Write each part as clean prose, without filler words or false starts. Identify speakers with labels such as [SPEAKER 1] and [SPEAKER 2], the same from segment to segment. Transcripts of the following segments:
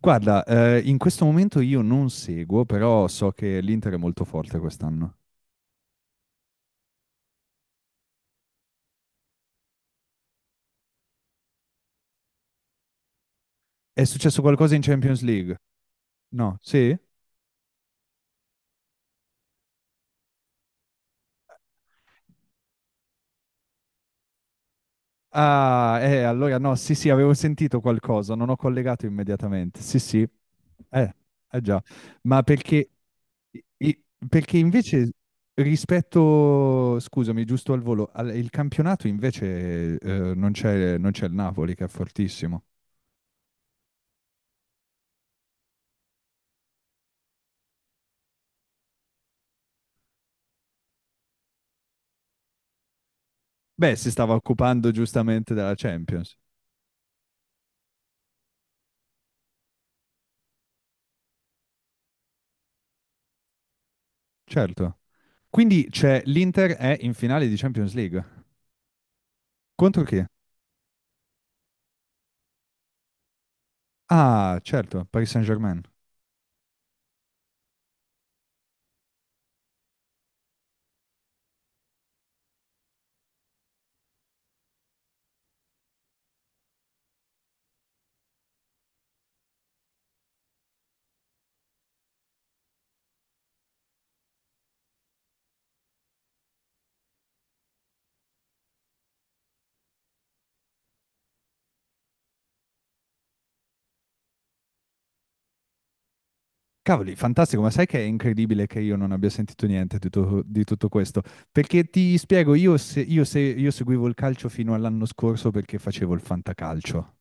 [SPEAKER 1] Guarda, in questo momento io non seguo, però so che l'Inter è molto forte quest'anno. È successo qualcosa in Champions League? No, sì? Ah, allora no, sì, sì, avevo sentito qualcosa, non ho collegato immediatamente. Sì, sì, eh, eh già, ma perché, i- perché invece rispetto, scusami, giusto al volo, il campionato invece non c'è il Napoli che è fortissimo. Beh, si stava occupando giustamente della Champions. Certo. Quindi c'è l'Inter è in finale di Champions League. Contro chi? Ah, certo, Paris Saint-Germain. Cavoli, fantastico, ma sai che è incredibile che io non abbia sentito niente di, di tutto questo? Perché ti spiego, io, se- io se- io seguivo il calcio fino all'anno scorso perché facevo il fantacalcio.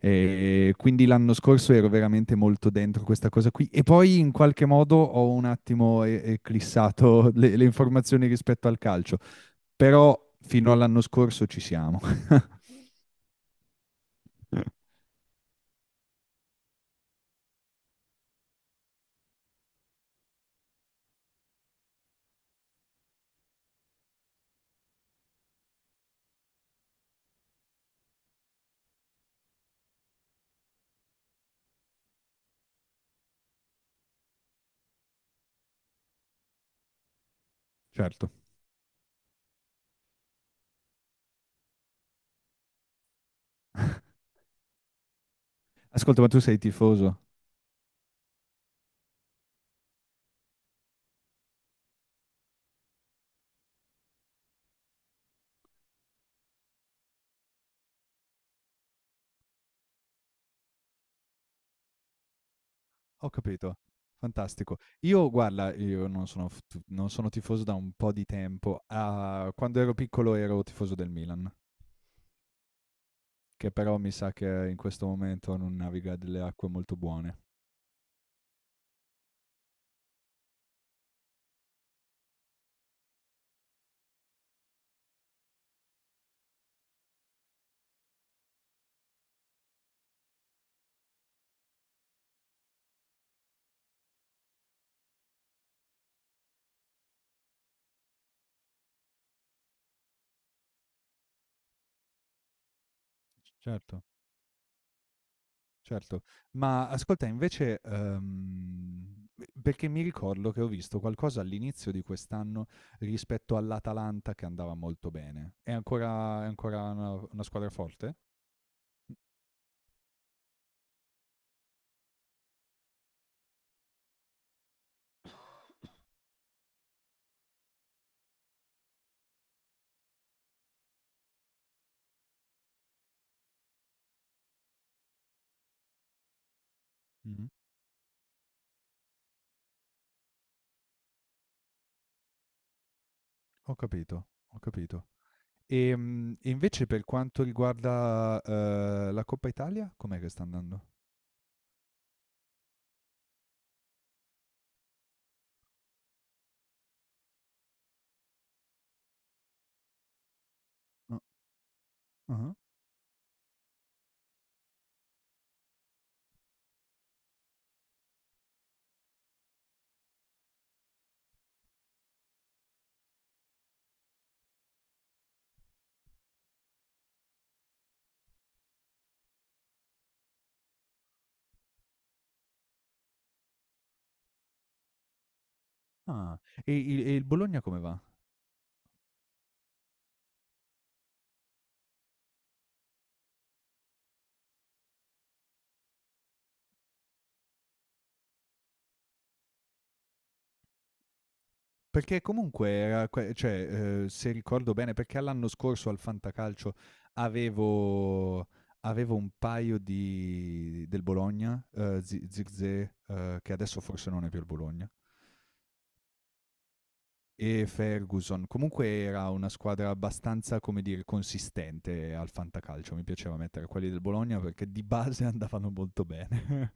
[SPEAKER 1] E quindi l'anno scorso ero veramente molto dentro questa cosa qui. E poi in qualche modo ho un attimo eclissato le informazioni rispetto al calcio. Però fino all'anno scorso ci siamo. Certo. Ascolta, ma tu sei tifoso? Ho capito. Fantastico. Io guarda, io non sono f tu non sono tifoso da un po' di tempo. Ah, quando ero piccolo ero tifoso del Milan, che però mi sa che in questo momento non naviga delle acque molto buone. C Certo, certo. Ma ascolta invece, pe perché mi ricordo che ho visto qualcosa all'inizio di quest'anno rispetto all'Atalanta che andava molto bene. È ancora una squadra forte? Mh. Mh-mh. Ho capito, ho capito. E invece per quanto riguarda, la Coppa Italia, com'è che sta andando? Ah, ah-ah. Ah. E il Bologna come va? Perché comunque era que cioè, se ricordo bene, perché l'anno scorso al Fantacalcio avevo avevo un paio di del Bologna, Zi Zirkzee, che adesso forse non è più il Bologna, e Ferguson. Comunque era una squadra abbastanza, come dire, consistente al Fantacalcio. Mi piaceva mettere quelli del Bologna perché di base andavano molto bene.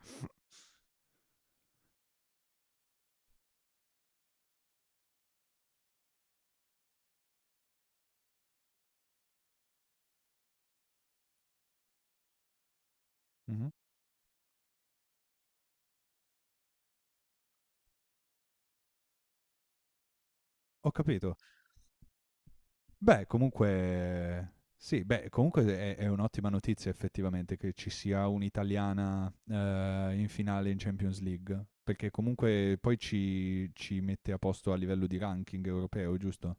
[SPEAKER 1] Mh-mh. Ho capito. Beh, comunque sì, beh, comunque è un'ottima notizia effettivamente che ci sia un'italiana, in finale in Champions League, perché comunque poi ci mette a posto a livello di ranking europeo, giusto?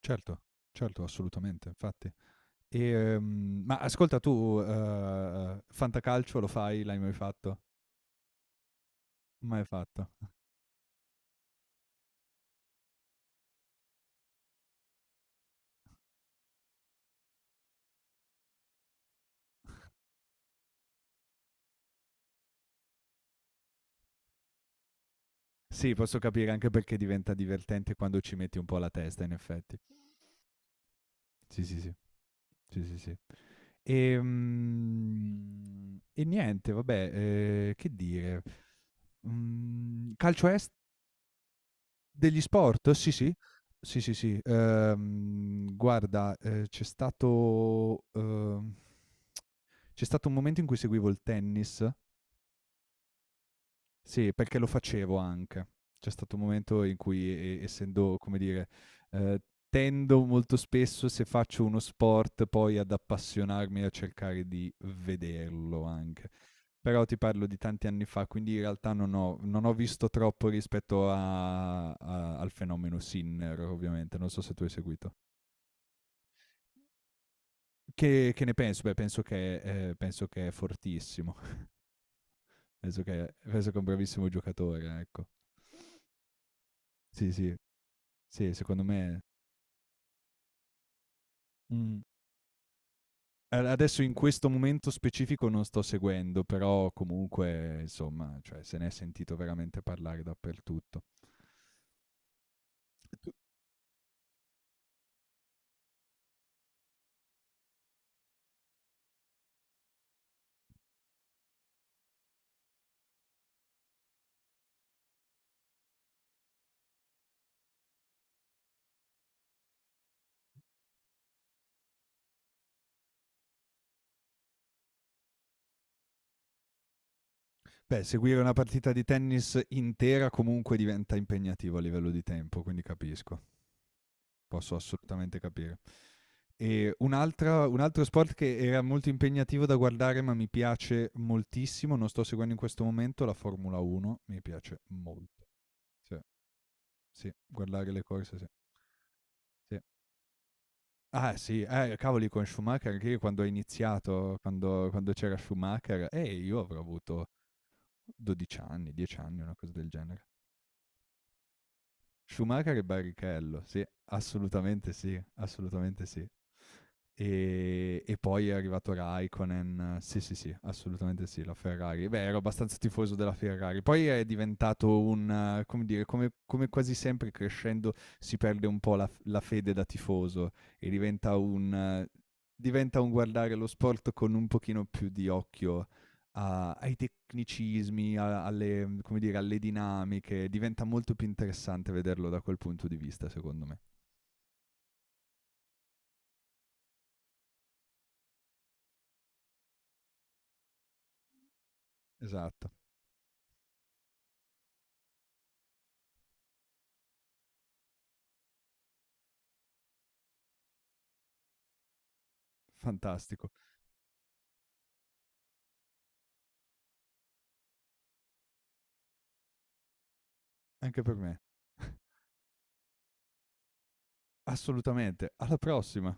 [SPEAKER 1] Certo, certo, assolutamente, infatti. Ma ascolta tu, fantacalcio lo fai? L'hai mai fatto? Mai fatto. Sì, posso capire anche perché diventa divertente quando ci metti un po' la testa, in effetti. Sì, sì, sì. Sì, sì, sì. E niente, vabbè, che dire? Mhmm, calcio est Degli sport? Sì, sì. Sì, sì, sì. Guarda, c'è stato un momento in cui seguivo il tennis. Sì, perché lo facevo anche. C'è stato un momento in cui essendo, come dire, ehm, tendo molto spesso se faccio uno sport poi ad appassionarmi e a cercare di vederlo anche. Però ti parlo di tanti anni fa, quindi in realtà non ho visto troppo rispetto a a al fenomeno Sinner ovviamente, non so se tu hai seguito. Che ne penso? Beh, penso che è fortissimo, penso che è un bravissimo giocatore, ecco. Sì, sì, sì, secondo me. Mh. A Adesso in questo momento specifico non sto seguendo, però comunque insomma, cioè se ne è sentito veramente parlare dappertutto. Tu Beh, seguire una partita di tennis intera comunque diventa impegnativo a livello di tempo, quindi capisco. Posso assolutamente capire. E un altro sport che era molto impegnativo da guardare, ma mi piace moltissimo, non sto seguendo in questo momento, la Formula 1, mi piace molto. Sì, sì, guardare le corse sì, sì. Ah sì, cavoli con Schumacher anche io quando ho iniziato, quando c'era Schumacher, io avrò avuto 12 anni, 10 anni, una cosa del genere. Schumacher e Barrichello, sì, assolutamente sì, assolutamente sì. E poi è arrivato Raikkonen, sì sì sì, assolutamente sì, la Ferrari. Beh, ero abbastanza tifoso della Ferrari. Poi è diventato un, come dire, come quasi sempre crescendo si perde un po' la fede da tifoso e diventa un guardare lo sport con un pochino più di occhio ai tecnicismi, alle, come dire, alle dinamiche, diventa molto più interessante vederlo da quel punto di vista, secondo me. Esatto, fantastico, anche per me. Assolutamente, alla prossima.